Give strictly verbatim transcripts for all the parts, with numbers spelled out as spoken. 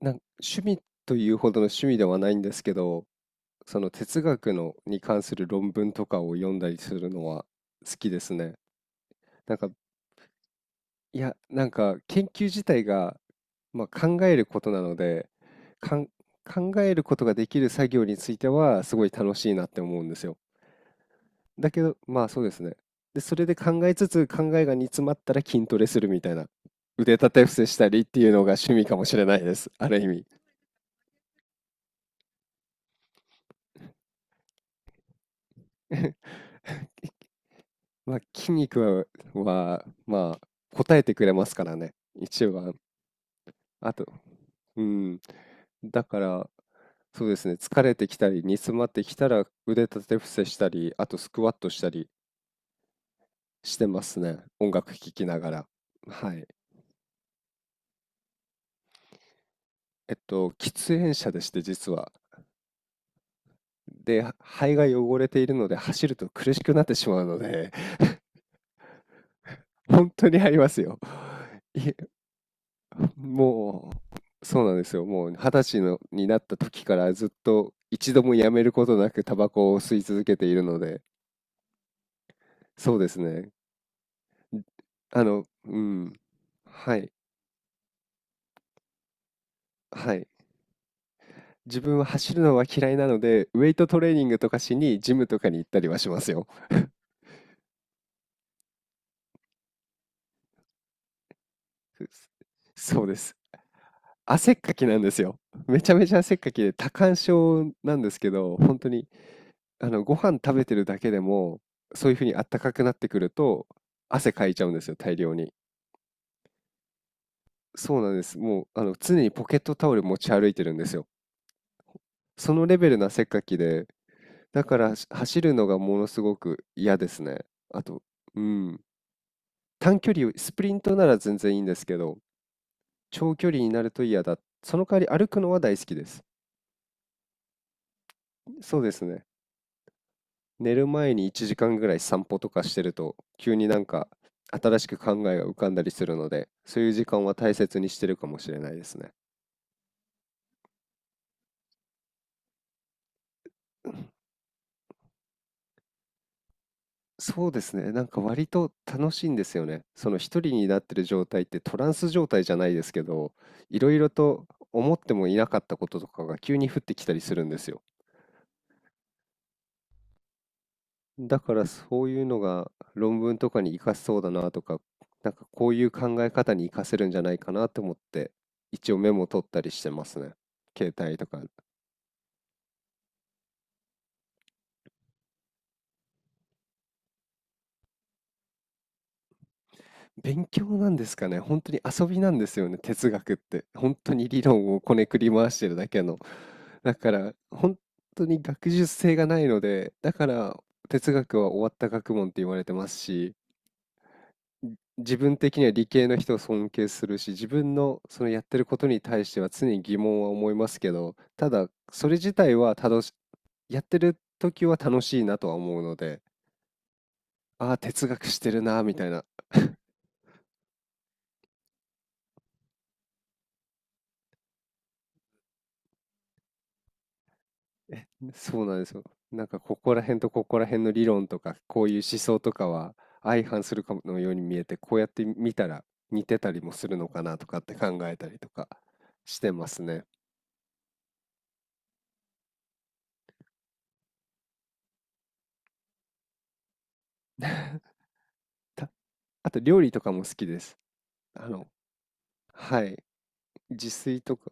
なん趣味というほどの趣味ではないんですけど、その哲学のに関する論文とかを読んだりするのは好きですね。なんか、いや、なんか研究自体が、まあ、考えることなので、かん、考えることができる作業についてはすごい楽しいなって思うんですよ。だけど、まあそうですね。で、それで考えつつ、考えが煮詰まったら筋トレするみたいな。腕立て伏せしたりっていうのが趣味かもしれないです。ある意味。まあ筋肉は、はまあ、答えてくれますからね。一番。あと、うん。だから、そうですね。疲れてきたり、煮詰まってきたら腕立て伏せしたり、あとスクワットしたりしてますね。音楽聴きながら。はい。えっと、喫煙者でして、実は。で、肺が汚れているので走ると苦しくなってしまうので、本当にありますよ。いえ、もう、そうなんですよ。もう二十歳のになった時からずっと一度もやめることなくタバコを吸い続けているので、そうですね。あの、うん。はい。はい。自分は走るのは嫌いなので、ウェイトトレーニングとかしにジムとかに行ったりはしますよ。そうです。汗っかきなんですよ。めちゃめちゃ汗っかきで多汗症なんですけど、本当にあのご飯食べてるだけでもそういうふうにあったかくなってくると汗かいちゃうんですよ、大量に。そうなんです。もうあの常にポケットタオル持ち歩いてるんですよ。そのレベルの汗っかきで、だからし走るのがものすごく嫌ですね。あと、うん、短距離スプリントなら全然いいんですけど、長距離になると嫌だ。その代わり歩くのは大好きです。そうですね。寝る前にいちじかんぐらい散歩とかしてると急になんか新しく考えが浮かんだりするのでそういう時間は大切にしてるかもしれないですね。そうですね。なんか割と楽しいんですよね。その一人になってる状態ってトランス状態じゃないですけど、いろいろと思ってもいなかったこととかが急に降ってきたりするんですよ。だからそういうのが論文とかに活かせそうだなとか、なんかこういう考え方に活かせるんじゃないかなと思って、一応メモ取ったりしてますね。携帯とか。勉強なんですかね。本当に遊びなんですよね、哲学って。本当に理論をこねくり回してるだけの。だから、本当に学術性がないので、だから哲学は終わった学問って言われてますし、自分的には理系の人を尊敬するし、自分のそのやってることに対しては常に疑問は思いますけど、ただそれ自体は楽し、やってる時は楽しいなとは思うので、ああ、哲学してるな、みたいな。え、そうなんですよ。なんかここら辺とここら辺の理論とか、こういう思想とかは相反するかのように見えて、こうやって見たら似てたりもするのかなとかって考えたりとかしてますね。た、あと料理とかも好きです。あの、はい。自炊とか、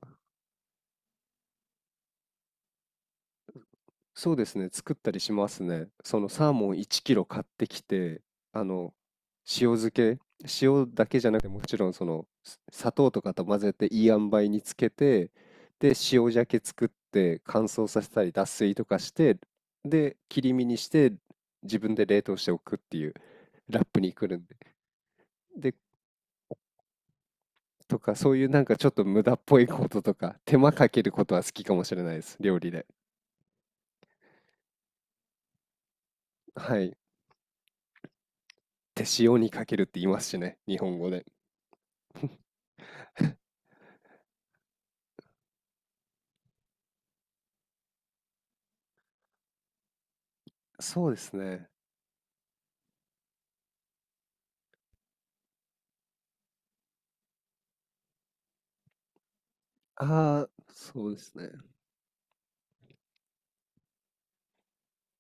そうですね、作ったりしますね。そのサーモンいちキロ買ってきて、あの、塩漬け、塩だけじゃなくて、もちろんその、す砂糖とかと混ぜていい塩梅につけて、で、塩鮭作って乾燥させたり脱水とかして、で、切り身にして自分で冷凍しておくっていう、ラップにくるんで。で、とか、そういうなんかちょっと無駄っぽいこととか、手間かけることは好きかもしれないです、料理で。はい。手塩にかけるって言いますしね、日本語で。そうですね。ああ、そうですね。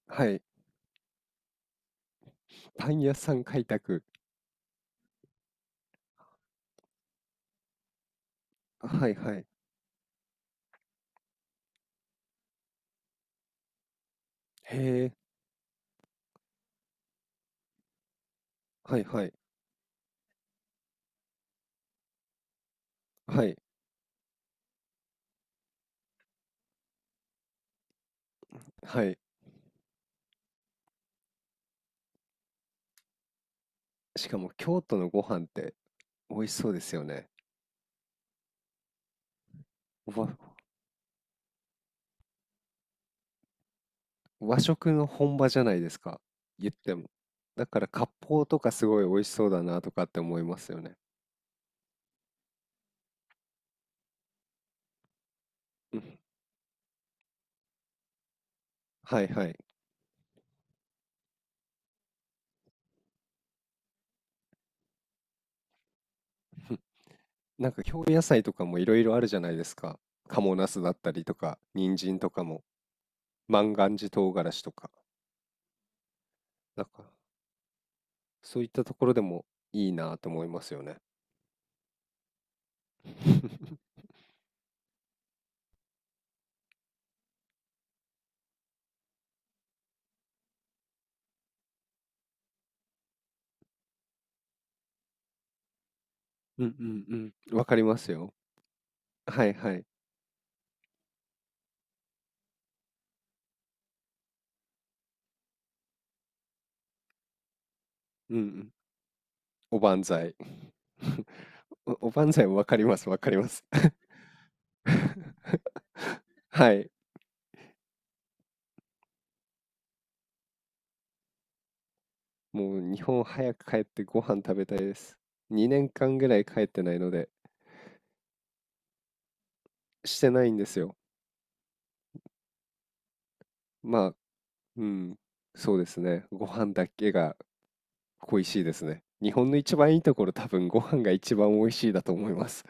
はい。パン屋さん開拓。はいはい。へえ、はいはい。はい。はい。しかも京都のご飯って美味しそうですよね。和、和食の本場じゃないですか。言っても。だから割烹とかすごい美味しそうだなとかって思いますよね。うん。はいはい。うん、なんか京野菜とかもいろいろあるじゃないですか。賀茂ナスだったりとか、人参とかも。万願寺唐辛子とか、なんか、そういったところでもいいなと思いますよね。うんうんうん。わかりますよ。はいはい。うんうん。おばんざい。お、おばんざいもわかります、わかります。はい。もう日本早く帰ってご飯食べたいです。にねんかんぐらい帰ってないので、してないんですよ。まあ、うん、そうですね。ご飯だけが恋しいですね。日本の一番いいところ、多分ご飯が一番美味しいだと思います。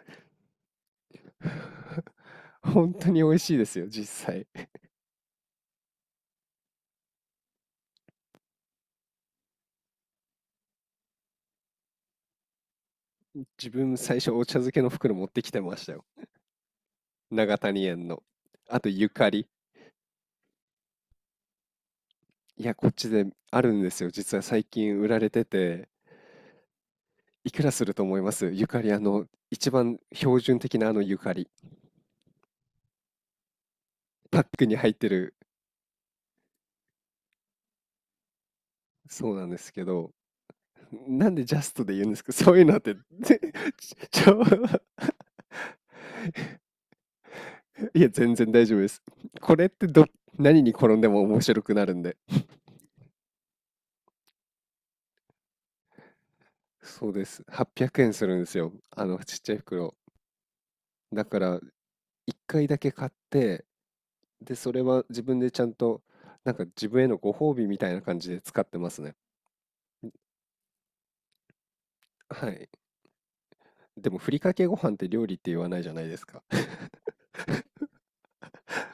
本当に美味しいですよ、実際。自分最初お茶漬けの袋持ってきてましたよ。長谷園の。あとゆかり。いや、こっちであるんですよ。実は最近売られてて、いくらすると思いますゆかり、あの、一番標準的なあのゆかり。パックに入ってる、そうなんですけど、なんでジャストで言うんですかそういうのって。ぜちちょ、いや、全然大丈夫です。これってど、何に転んでも面白くなるんで。そうです。はっぴゃくえんするんですよ。あの、ちっちゃい袋。だから、いっかいだけ買って、で、それは自分でちゃんと、なんか自分へのご褒美みたいな感じで使ってますね。はい。でも、ふりかけご飯って料理って言わないじゃないですか。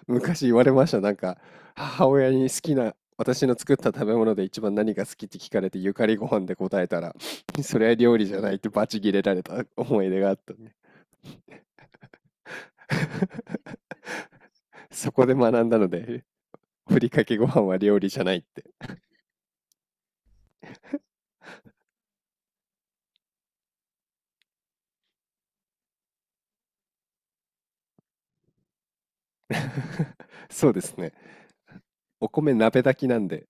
昔言われました。なんか、母親に好きな、私の作った食べ物で一番何が好きって聞かれて、ゆかりご飯で答えたら、それは料理じゃないってバチ切れられた思い出があったね。そこで学んだので、ふりかけご飯は料理じゃないって。そうですね。お米鍋炊きなんで、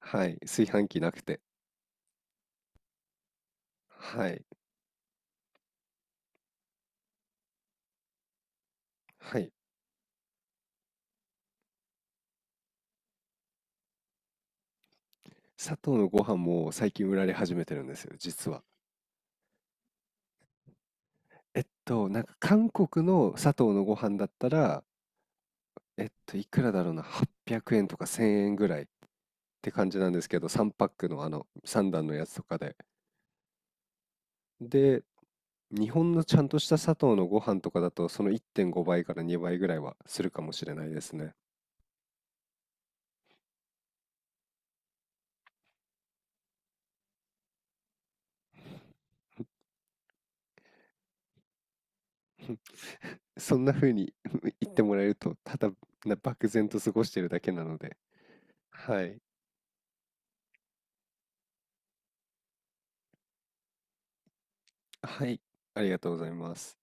はい、炊飯器なくて。はい、はい。佐藤のご飯も最近売られ始めてるんですよ、実は。えっと、なんか韓国の佐藤のご飯だったら、えっと、いくらだろうな、はっぴゃくえんとかせんえんぐらいって感じなんですけど、さんパックのあのさん段のやつとかで。で、日本のちゃんとした佐藤のご飯とかだと、そのいってんごばいからにばいぐらいはするかもしれないですね。そんな風に 言ってもらえると、ただな漠然と過ごしてるだけなので、はい。はい、ありがとうございます。